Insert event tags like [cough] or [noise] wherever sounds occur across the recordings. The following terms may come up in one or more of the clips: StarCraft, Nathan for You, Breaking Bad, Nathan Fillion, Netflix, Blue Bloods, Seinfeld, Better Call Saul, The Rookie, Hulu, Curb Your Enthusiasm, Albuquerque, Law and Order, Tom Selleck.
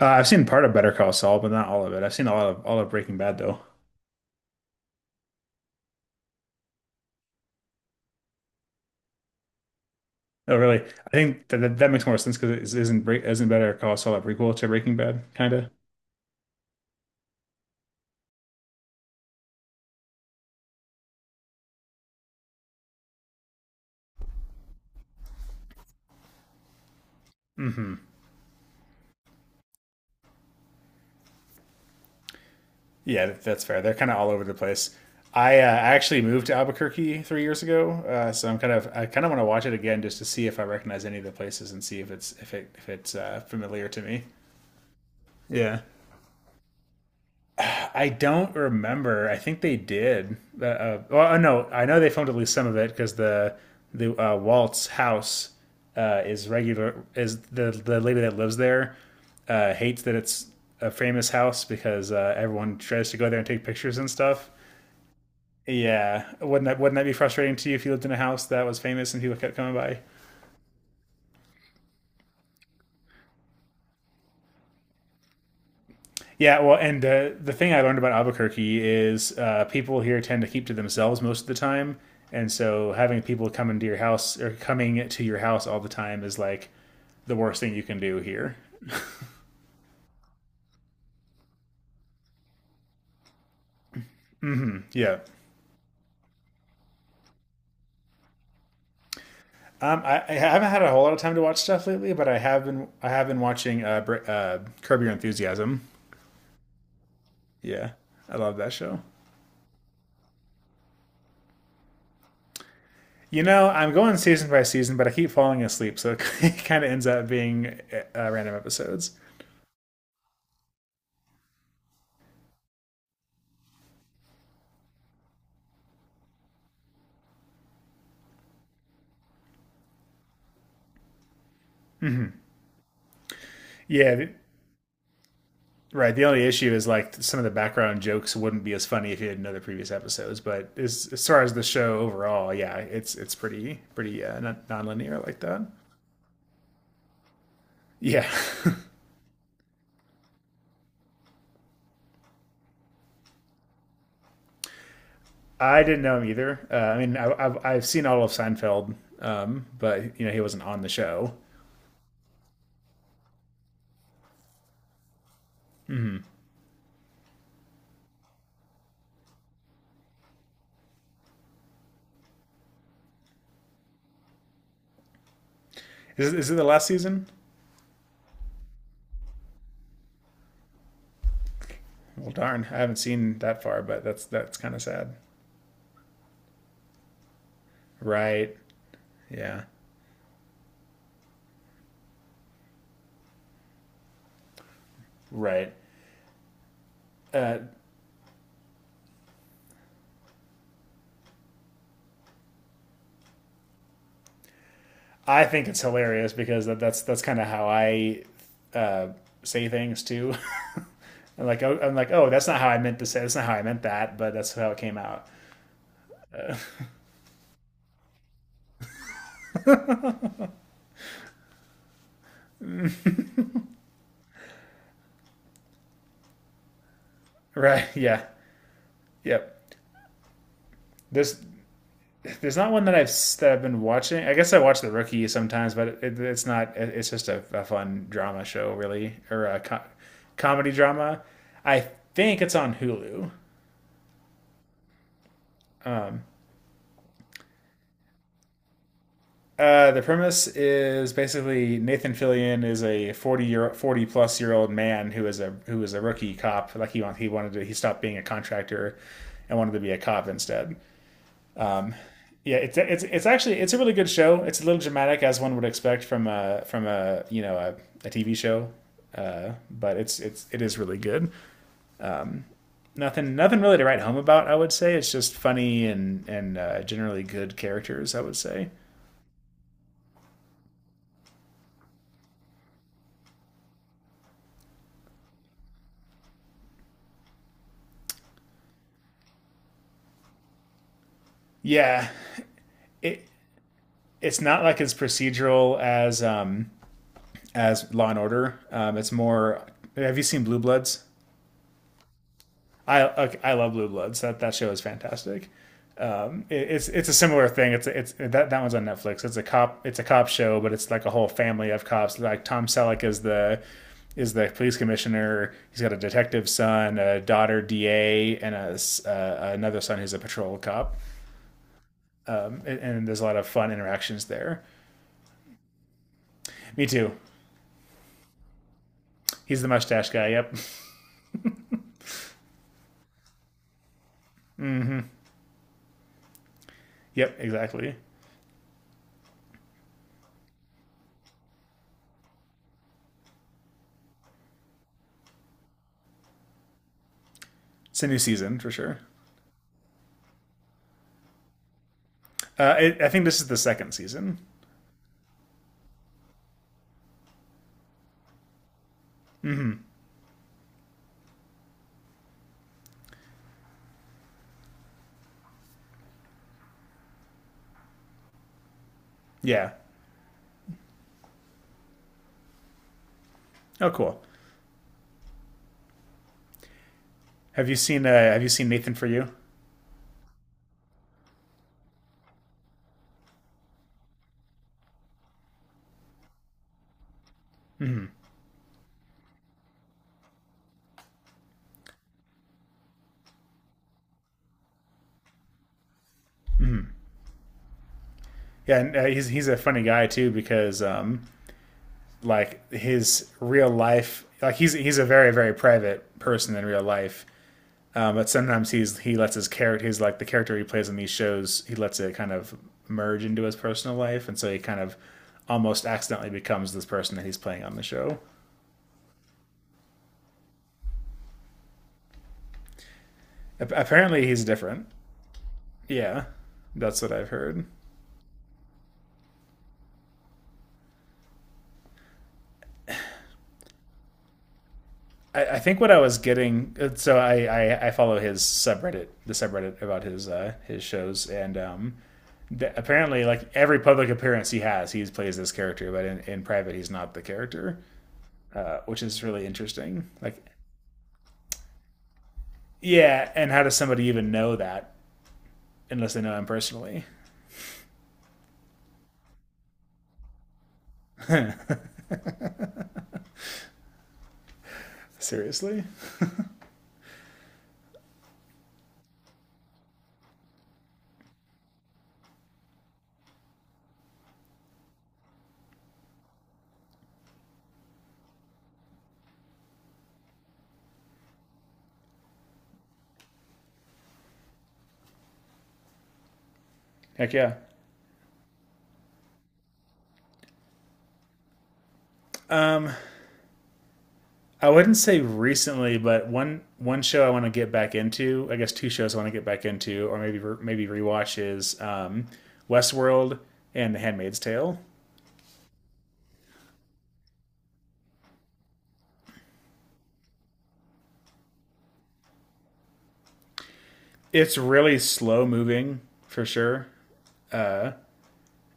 I've seen part of Better Call Saul, but not all of it. I've seen a lot of all of Breaking Bad though. Oh, really? I think that makes more sense because its not Bre- isn't Better Call Saul a prequel to Breaking Bad, kind of? Hmm. Yeah, that's fair. They're kind of all over the place. I actually moved to Albuquerque 3 years ago, so I kind of want to watch it again just to see if I recognize any of the places and see if it's if it if it's familiar to me. Yeah. I don't remember. I think they did. Well, no, I know they filmed at least some of it because the Walt's house is regular. Is the lady that lives there hates that it's a famous house because everyone tries to go there and take pictures and stuff. Yeah, wouldn't that be frustrating to you if you lived in a house that was famous and people kept coming by? Yeah, well, and the thing I learned about Albuquerque is people here tend to keep to themselves most of the time, and so having people come into your house or coming to your house all the time is like the worst thing you can do here. Yeah. I haven't had a whole lot of time to watch stuff lately, but I have been watching Curb Your Enthusiasm. Yeah, I love that show. I'm going season by season, but I keep falling asleep, so it [laughs] kind of ends up being random episodes. Yeah. Right. The only issue is like some of the background jokes wouldn't be as funny if you didn't know the previous episodes. But as far as the show overall, yeah, it's pretty pretty nonlinear like that. Yeah, [laughs] I didn't know him either. I mean, I've seen all of Seinfeld, but you know he wasn't on the show. Is it the last season? Well, darn, I haven't seen that far, but that's kind of sad. Right. Yeah. Right. Uh, I think it's hilarious because that's kind of how I say things too. [laughs] And like, oh, I'm like, oh, that's not how I meant to say. That's not how I meant that, but that's how it came out. [laughs] Right? Yeah. Yep. There's there's not one that I've been watching. I guess I watch The Rookie sometimes, but it's not. It's just a fun drama show, really, or a comedy drama. I think it's on Hulu. The premise is basically Nathan Fillion is a 40 year 40 plus year old man who is a rookie cop. Like he want, he wanted to he stopped being a contractor and wanted to be a cop instead. Yeah, it's actually it's a really good show. It's a little dramatic as one would expect from a you know a, TV show, but it is really good. Nothing really to write home about. I would say it's just funny and generally good characters. I would say yeah, it it's not like as procedural as as Law and Order. It's more. Have you seen Blue Bloods? I I love Blue Bloods. That show is fantastic. It's a similar thing. It's that that one's on Netflix. It's a cop show, but it's like a whole family of cops. Like Tom Selleck is the police commissioner. He's got a detective son, a daughter DA, and a another son who's a patrol cop. And there's a lot of fun interactions there. Me too. He's the mustache guy. Yep. [laughs] Yep. Exactly. It's a new season for sure. I think this is the second season. Yeah. Oh, cool. Have you seen Nathan for You? Yeah, and he's a funny guy too because like his real life, like he's a very very private person in real life. But sometimes he lets his character, he's like the character he plays in these shows, he lets it kind of merge into his personal life, and so he kind of almost accidentally becomes this person that he's playing on the show. Apparently, he's different. Yeah, that's what I've heard. I think what I was getting so I follow his subreddit, the subreddit about his shows, and that apparently like every public appearance he has he plays this character but in private he's not the character which is really interesting like. Yeah. And how does somebody even know that unless they know him personally? Seriously. Heck yeah. I wouldn't say recently, but one show I want to get back into, I guess two shows I want to get back into, or maybe rewatch is Westworld and The Handmaid's Tale. It's really slow moving for sure.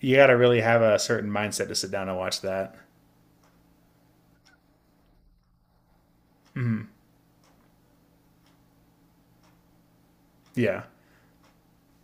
You gotta really have a certain mindset to sit down and watch that. Yeah.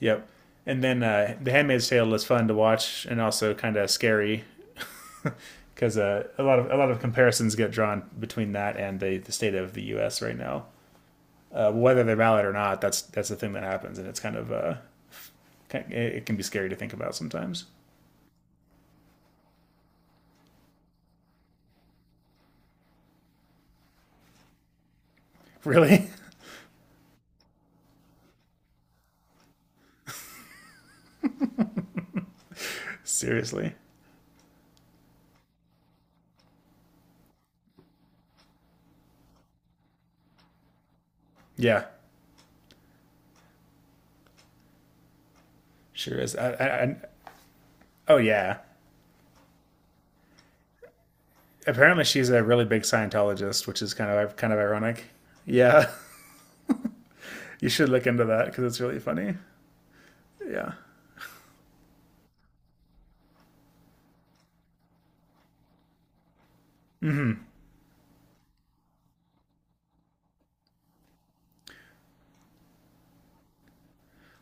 Yep. And then The Handmaid's Tale is fun to watch and also kind of scary because a lot of comparisons get drawn between that and the state of the U.S. right now. Whether they're valid or not, that's the thing that happens, and it's kind of it can be scary to think about sometimes. Really? [laughs] Seriously. Yeah, sure is. Oh yeah, apparently she's a really big Scientologist, which is kind of ironic. Yeah, [laughs] you should look into that because it's really funny. Yeah.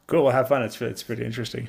Cool. Well, have fun. It's pretty interesting.